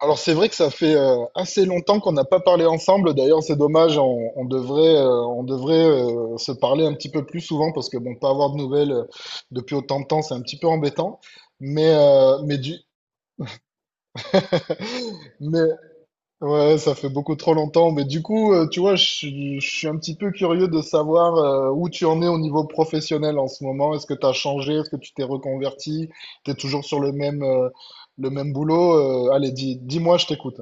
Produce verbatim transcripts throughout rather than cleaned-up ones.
Alors c'est vrai que ça fait euh, assez longtemps qu'on n'a pas parlé ensemble. D'ailleurs, c'est dommage, on, on devrait, euh, on devrait euh, se parler un petit peu plus souvent parce que bon, pas avoir de nouvelles euh, depuis autant de temps, c'est un petit peu embêtant. Mais, euh, mais du, mais ouais, ça fait beaucoup trop longtemps. Mais du coup, euh, tu vois, je, suis- je suis un petit peu curieux de savoir euh, où tu en es au niveau professionnel en ce moment. Est-ce que tu as changé? Est-ce que tu t'es reconverti? T'es toujours sur le même, euh, le même boulot? Euh, allez, dis, dis-moi, je t'écoute.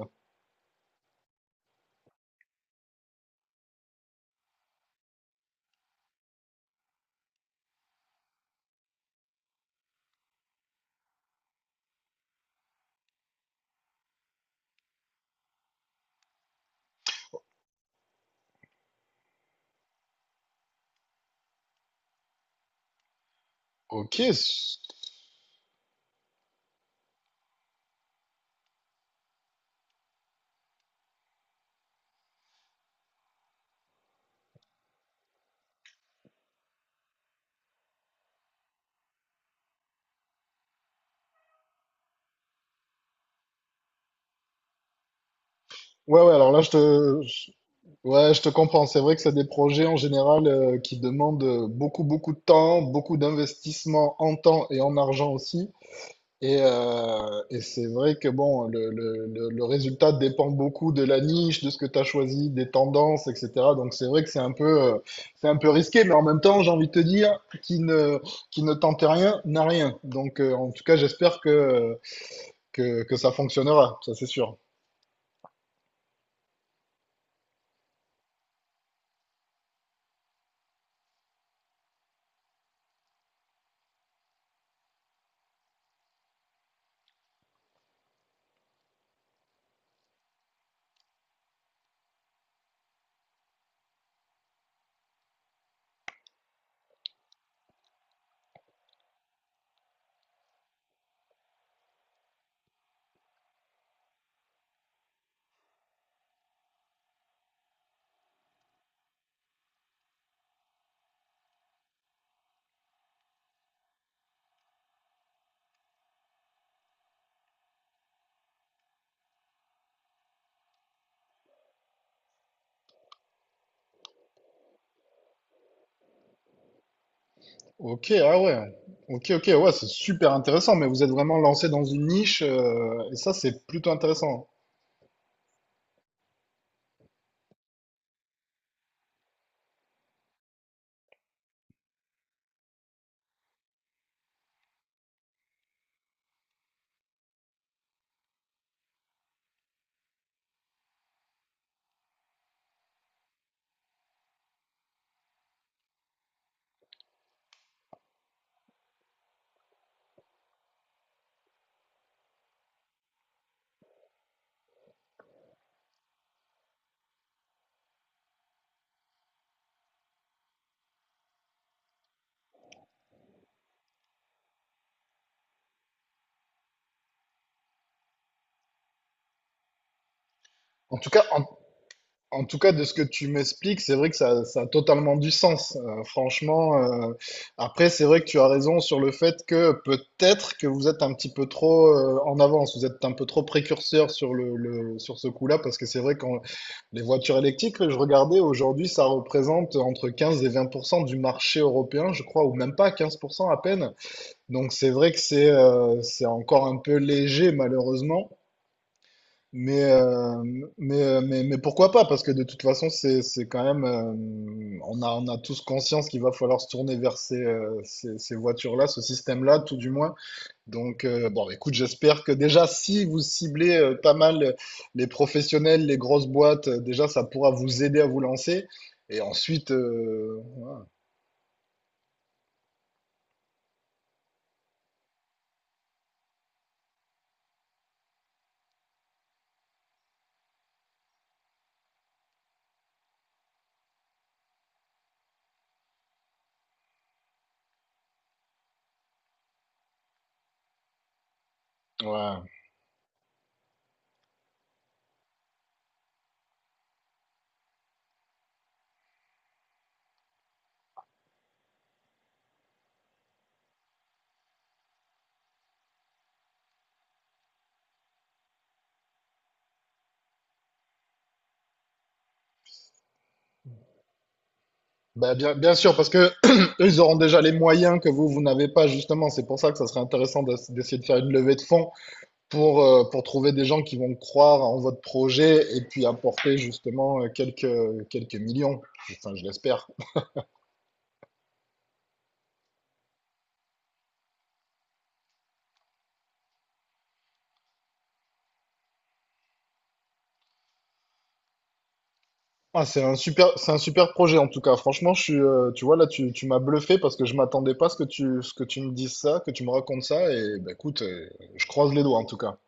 Ok. Ouais, ouais, alors là, je te, je- ouais, je te comprends. C'est vrai que c'est des projets en général euh, qui demandent euh, beaucoup, beaucoup de temps, beaucoup d'investissement en temps et en argent aussi. Et, euh, et c'est vrai que bon, le, le, le, le résultat dépend beaucoup de la niche, de ce que tu as choisi, des tendances, et cetera. Donc c'est vrai que c'est un peu, euh, c'est un peu risqué, mais en même temps, j'ai envie de te dire, qui ne, qui ne tente rien n'a rien. Donc euh, en tout cas, j'espère que, que, que ça fonctionnera, ça c'est sûr. Ok, ah ouais. Ok, ok, ouais, c'est super intéressant, mais vous êtes vraiment lancé dans une niche, euh, et ça, c'est plutôt intéressant. En tout cas, en, en tout cas, de ce que tu m'expliques, c'est vrai que ça, ça a totalement du sens. Euh, franchement, euh, après, c'est vrai que tu as raison sur le fait que peut-être que vous êtes un petit peu trop euh, en avance, vous êtes un peu trop précurseur sur le, le- sur ce coup-là, parce que c'est vrai que les voitures électriques, je regardais aujourd'hui, ça représente entre quinze et vingt pour cent du marché européen, je crois, ou même pas quinze pour cent à peine. Donc c'est vrai que c'est euh, c'est encore un peu léger malheureusement, mais, euh, mais, euh, mais, mais pourquoi pas? Parce que de toute façon, c'est, c'est quand même, euh, on a, on a tous conscience qu'il va falloir se tourner vers ces, euh, ces, ces voitures-là, ce système-là, tout du moins. Donc euh, bon, écoute, j'espère que déjà, si vous ciblez euh, pas mal les professionnels, les grosses boîtes, euh, déjà, ça pourra vous aider à vous lancer. Et ensuite, euh, ouais. Ben, bien, bien sûr, parce que eux, ils auront déjà les moyens que vous, vous n'avez pas, justement. C'est pour ça que ça serait intéressant d'ess- d'essayer de faire une levée de fonds pour, euh, pour trouver des gens qui vont croire en votre projet et puis apporter justement euh, quelques, quelques millions. Enfin, je l'espère. Ah, c'est un super, c'est un super projet en tout cas. Franchement, je suis, euh, tu vois, là, tu, tu m'as bluffé parce que je m'attendais pas à ce que tu, ce que tu me dises ça, que tu me racontes ça. Et ben, écoute, euh, je croise les doigts en tout cas.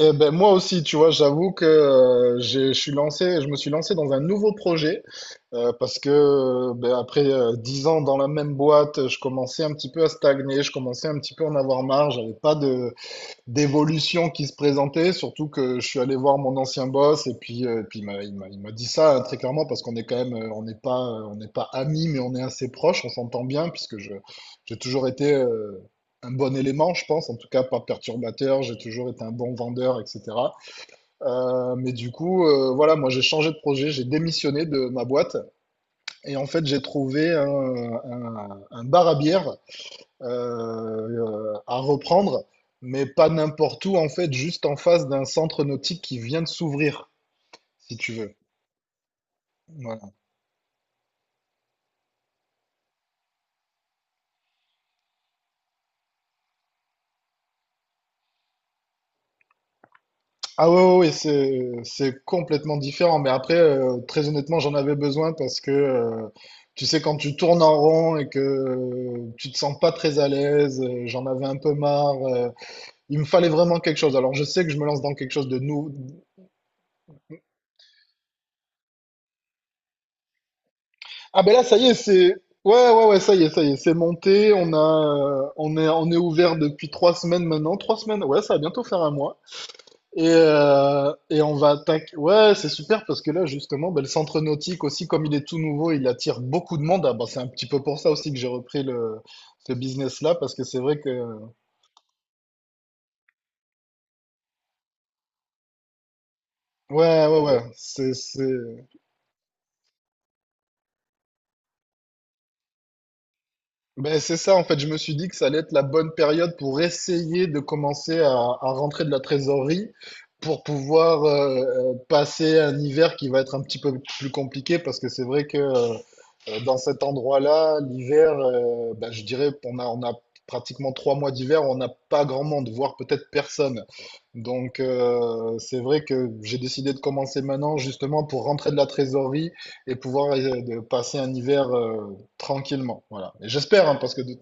Eh ben moi aussi, tu vois, j'avoue que euh, j'ai- je suis lancé, je me suis lancé dans un nouveau projet euh, parce que euh, ben, après euh, dix ans dans la même boîte, je commençais un petit peu à stagner, je commençais un petit peu à en avoir marre, j'avais pas de, d'évolution qui se présentait, surtout que je suis allé voir mon ancien boss et puis, euh, puis il m'a, il m'a- il m'a dit ça hein, très clairement parce qu'on est quand même, euh, on n'est pas, euh, on n'est pas amis, mais on est assez proches, on s'entend bien puisque je, j'ai toujours été euh, un bon élément, je pense, en tout cas pas perturbateur, j'ai toujours été un bon vendeur, et cetera. Euh, mais du coup, euh, voilà, moi j'ai changé de projet, j'ai démissionné de ma boîte et en fait j'ai trouvé un, un- un bar à bière euh, à reprendre, mais pas n'importe où, en fait, juste en face d'un centre nautique qui vient de s'ouvrir, si tu veux. Voilà. Ah ouais, ouais, ouais, c'est, c'est complètement différent. Mais après, euh, très honnêtement, j'en avais besoin parce que, euh, tu sais, quand tu tournes en rond et que euh, tu te sens pas très à l'aise, euh, j'en avais un peu marre. Euh, il me fallait vraiment quelque chose. Alors, je sais que je me lance dans quelque chose de nou- Ah ben là, ça y est, c'est... Ouais, ouais, ouais, ça y est, ça y est, c'est monté. On a, euh, on est, on est ouvert depuis trois semaines maintenant. Trois semaines, ouais, ça va bientôt faire un mois. Et, euh, et on va attaquer. Ouais, c'est super parce que là, justement, ben, le centre nautique aussi, comme il est tout nouveau, il attire beaucoup de monde. Ah ben, c'est un petit peu pour ça aussi que j'ai repris le, ce business-là parce que c'est vrai que. Ouais, ouais, ouais, c'est, c'est... Ben, c'est ça, en fait, je me suis dit que ça allait être la bonne période pour essayer de commencer à, à rentrer de la trésorerie pour pouvoir euh, euh, passer un hiver qui va être un petit peu plus compliqué parce que c'est vrai que euh, euh, dans cet endroit-là, l'hiver, euh, ben, je dirais qu'on a, on a pratiquement trois mois d'hiver, on n'a pas grand monde, voire peut-être personne. Donc euh, c'est vrai que j'ai décidé de commencer maintenant justement pour rentrer de la trésorerie et pouvoir euh, de passer un hiver euh, tranquillement, voilà. Et j'espère, hein, parce que de-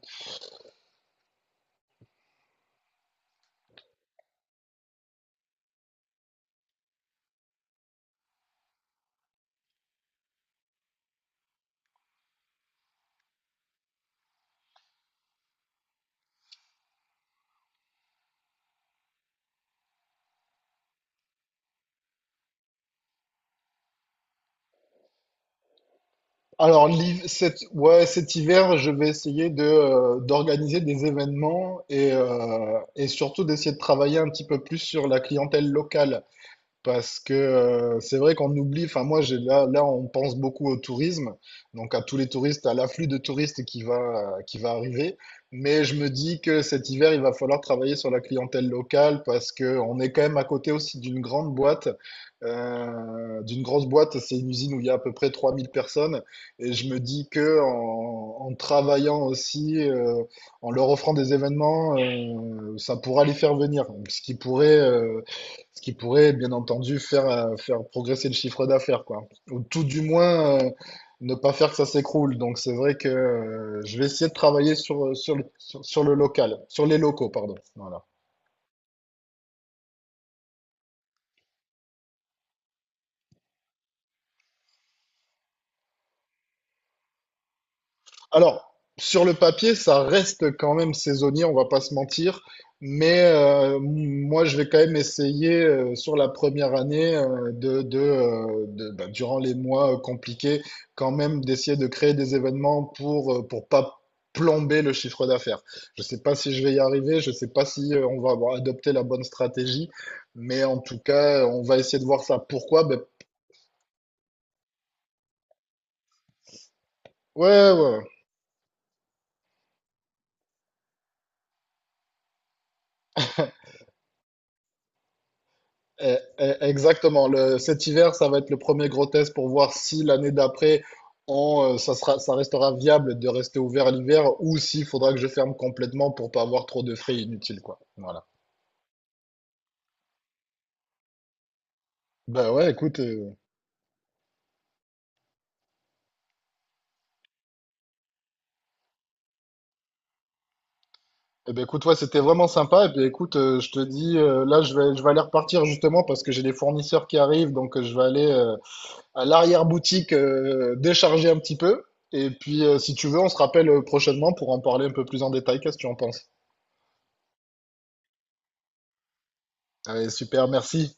alors l'hiv- cet... ouais, cet hiver, je vais essayer de euh, d'organiser des événements et, euh, et surtout d'essayer de travailler un petit peu plus sur la clientèle locale. Parce que euh, c'est vrai qu'on oublie, enfin moi j'ai là, là on pense beaucoup au tourisme, donc à tous les touristes, à l'afflux de touristes qui va, qui va arriver. Mais je me dis que cet hiver, il va falloir travailler sur la clientèle locale parce que on est quand même à côté aussi d'une grande boîte, euh, d'une grosse boîte, c'est une usine où il y a à peu près trois mille personnes. Et je me dis que en, en travaillant aussi, euh, en leur offrant des événements, euh, ça pourra les faire venir. Ce qui pourrait... euh, ce qui pourrait, bien entendu, faire, euh, faire progresser le chiffre d'affaires, quoi. Ou tout du moins, euh, ne pas faire que ça s'écroule. Donc, c'est vrai que euh, je vais essayer de travailler sur, euh, sur, le- sur, sur le local, sur les locaux, pardon. Voilà. Alors, sur le papier, ça reste quand même saisonnier, on va pas se mentir. Mais euh, m- moi, je vais quand même essayer euh, sur la première année euh, de, de, euh, de- bah, durant les mois euh, compliqués, quand même d'essayer de créer des événements pour euh, pour pas plomber le chiffre d'affaires. Je sais pas si je vais y arriver, je sais pas si euh, on va avoir adopté la bonne stratégie, mais en tout cas, on va essayer de voir ça. Pourquoi? Ben, ouais, ouais. Ouais. Eh, eh, Exactement. Le- cet hiver, ça va être le premier gros test pour voir si l'année d'après, on, euh, ça sera, ça restera viable de rester ouvert l'hiver ou s'il faudra que je ferme complètement pour pas avoir trop de frais inutiles, quoi. Voilà. Bah ouais, écoute, euh, eh ben écoute, ouais, c'était vraiment sympa. Et puis écoute, euh, je te dis, euh, là, je vais, je vais aller repartir justement parce que j'ai des fournisseurs qui arrivent, donc euh, je vais aller euh, à l'arrière-boutique euh, décharger un petit peu. Et puis, euh, si tu veux, on se rappelle euh, prochainement pour en parler un peu plus en détail. Qu'est-ce que tu en penses? Allez, super, merci.